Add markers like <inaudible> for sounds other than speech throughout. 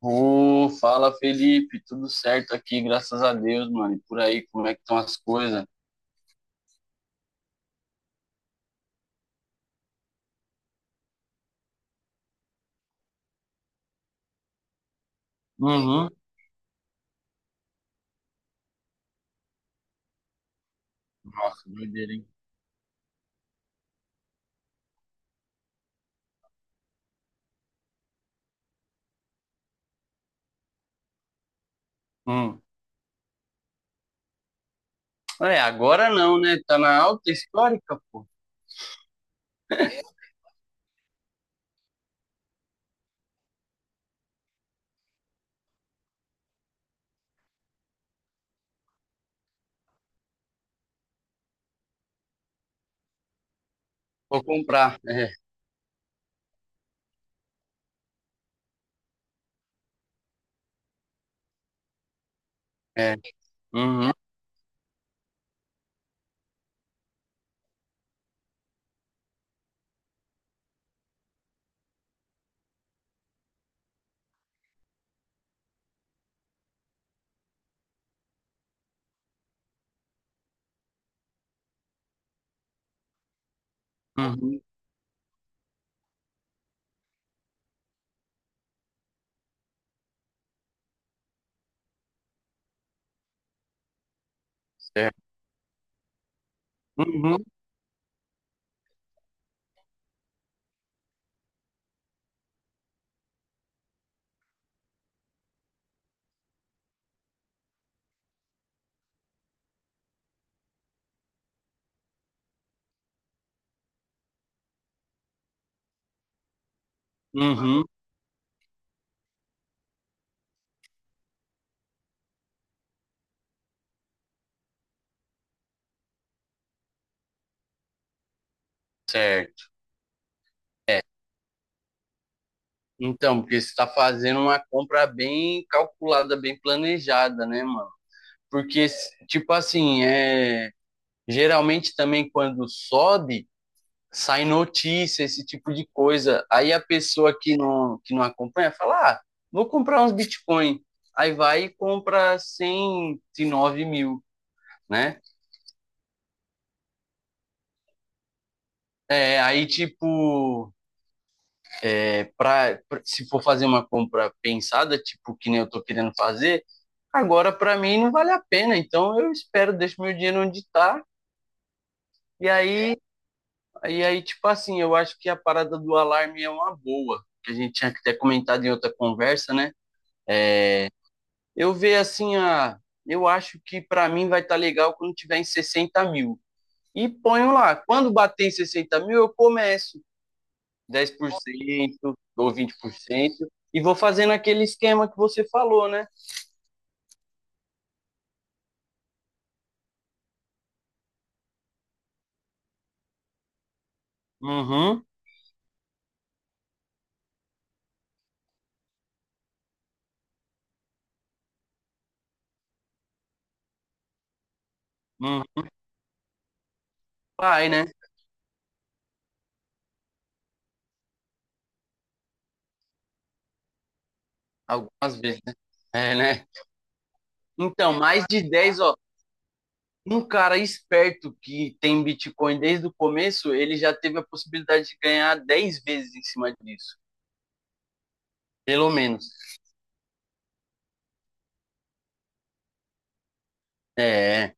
Ô, fala Felipe, tudo certo aqui, graças a Deus, mano. E por aí, como é que estão as coisas? Uhum. Nossa, doideira, hein? Hum. É, agora não, né? Tá na alta histórica, pô. Vou comprar. É, é. Uhum, uhum, certo. Uhum, uhum, certo. Então, porque você tá fazendo uma compra bem calculada, bem planejada, né, mano? Porque, tipo assim, geralmente também quando sobe, sai notícia, esse tipo de coisa. Aí a pessoa que não acompanha fala: ah, vou comprar uns Bitcoin. Aí vai e compra 109 mil, né? É, aí, tipo, é, se for fazer uma compra pensada, tipo, que nem eu tô querendo fazer, agora para mim não vale a pena. Então eu espero, deixo meu dinheiro onde tá. E aí, e aí, tipo assim, eu acho que a parada do alarme é uma boa, que a gente tinha até comentado em outra conversa, né? Eu vejo assim, ah, eu acho que para mim vai estar legal quando tiver em 60 mil. E ponho lá. Quando bater em 60 mil, eu começo 10% ou 20% e vou fazendo aquele esquema que você falou, né? Uhum, uhum. Vai, né? Algumas vezes, né? É, né? Então, mais de 10, ó. Um cara esperto que tem Bitcoin desde o começo, ele já teve a possibilidade de ganhar 10 vezes em cima disso. Pelo menos. É.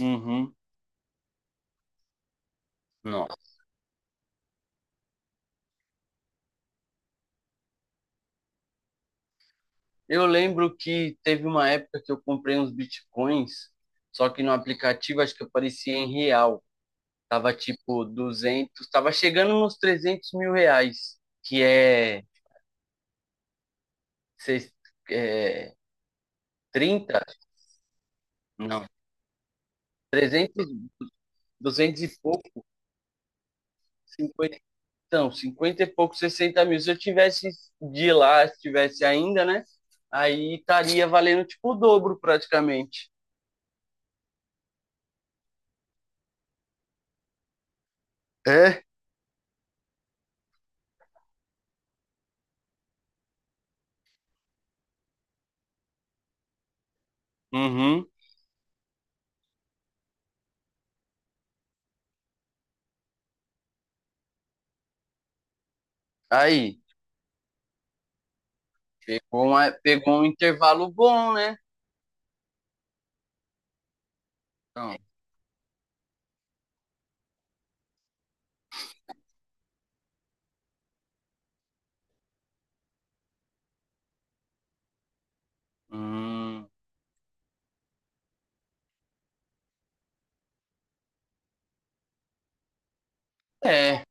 Uhum. Nossa. Eu lembro que teve uma época que eu comprei uns bitcoins, só que no aplicativo acho que aparecia em real. Tava tipo 200, tava chegando nos 300 mil reais, que é, seis- é 30, não, 200 e pouco, 50, não, 50 e pouco, 60 mil. Se eu tivesse de lá, se tivesse ainda, né? Aí estaria valendo tipo o dobro praticamente. É? Uhum. Aí, pegou um intervalo bom, né? Não. Hum, é.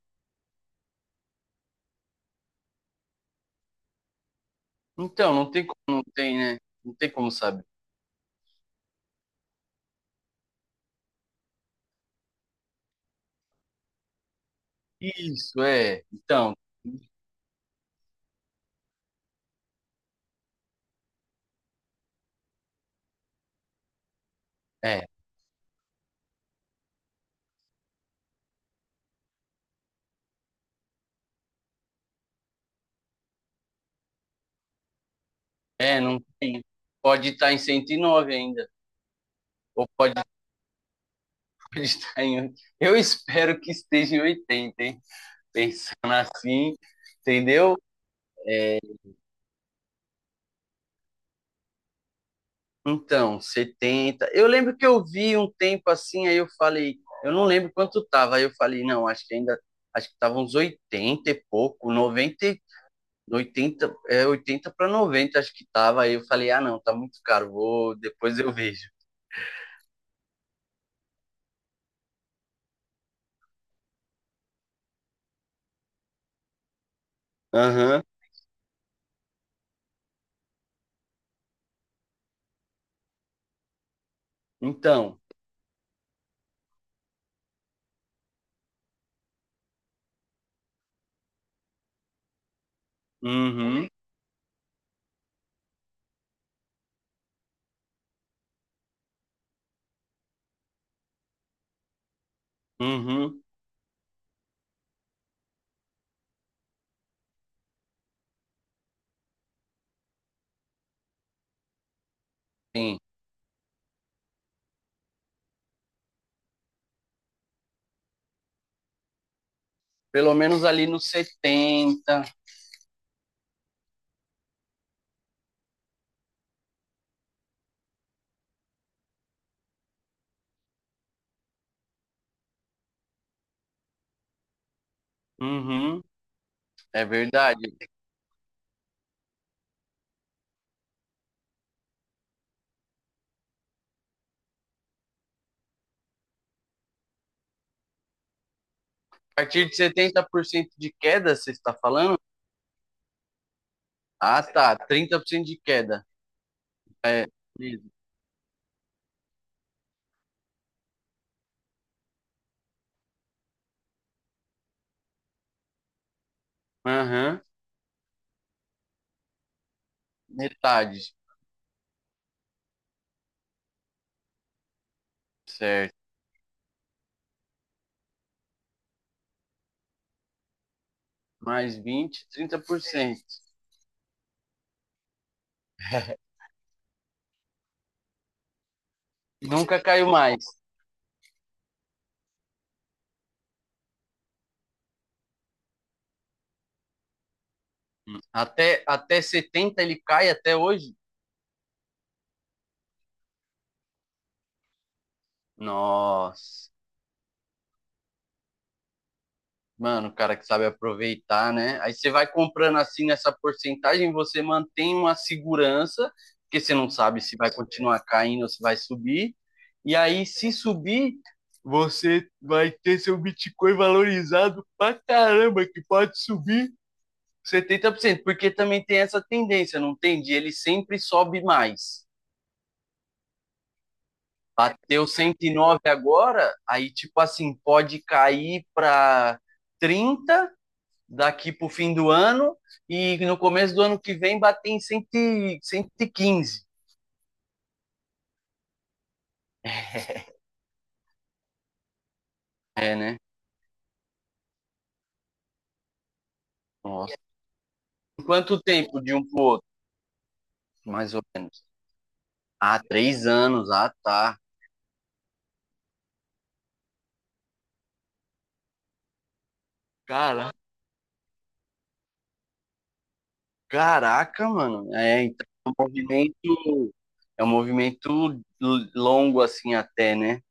Então, não tem como, não tem, né? Não tem como saber. Isso, é. Então, é. É, não tem. Pode estar em 109 ainda. Ou pode, <laughs> pode estar em 80. Eu espero que esteja em 80, hein? Pensando assim, entendeu? Então, 70. Eu lembro que eu vi um tempo assim, aí eu falei, eu não lembro quanto tava. Aí eu falei, não, acho que ainda. Acho que tava uns 80 e pouco, 90, do 80 é 80 para 90 acho que tava. Aí eu falei, ah, não, tá muito caro, vou, depois eu vejo. Aham. Então, uhum, uhum, sim. Pelo menos ali nos 70. Uhum, é verdade. A partir de 70% de queda, você está falando? Ah, tá, 30% de queda. É, isso. Aham, metade, certo. Mais vinte, trinta por cento. Nunca caiu mais. Até 70 ele cai até hoje? Nossa. Mano, o cara que sabe aproveitar, né? Aí você vai comprando assim nessa porcentagem, você mantém uma segurança, porque você não sabe se vai continuar caindo ou se vai subir. E aí, se subir, você vai ter seu Bitcoin valorizado pra caramba, que pode subir 70%, porque também tem essa tendência, não tem? De ele sempre sobe mais. Bateu 109 agora, aí tipo assim, pode cair para 30 daqui para o fim do ano e no começo do ano que vem bater em 115. É, né? Nossa. Em quanto tempo de um pro outro? Mais ou menos. Ah, 3 anos. Ah, tá. Cara, caraca, mano. É, então é um movimento. É um movimento longo assim até, né?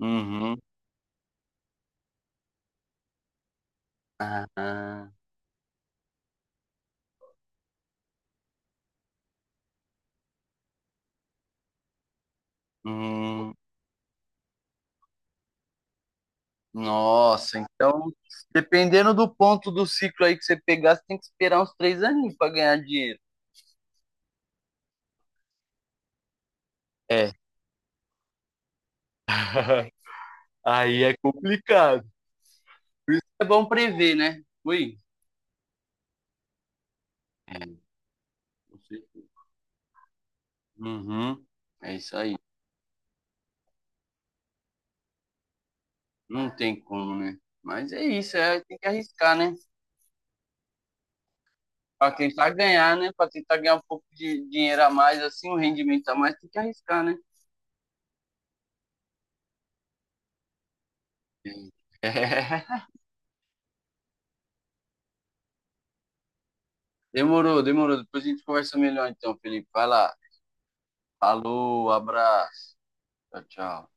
Uhum. Ah, hum, nossa, então, dependendo do ponto do ciclo aí que você pegar, você tem que esperar uns 3 aninhos para ganhar dinheiro. É. <laughs> Aí é complicado. É bom prever, né? Ui. É. você- Uhum. É isso aí. Não tem como, né? Mas é isso, é, tem que arriscar, né? Pra tentar ganhar, né? Pra tentar ganhar um pouco de dinheiro a mais, assim, um rendimento a mais, tem que arriscar, né? É. <laughs> Demorou, demorou. Depois a gente conversa melhor então, Felipe. Vai lá. Falou, abraço. Tchau, tchau.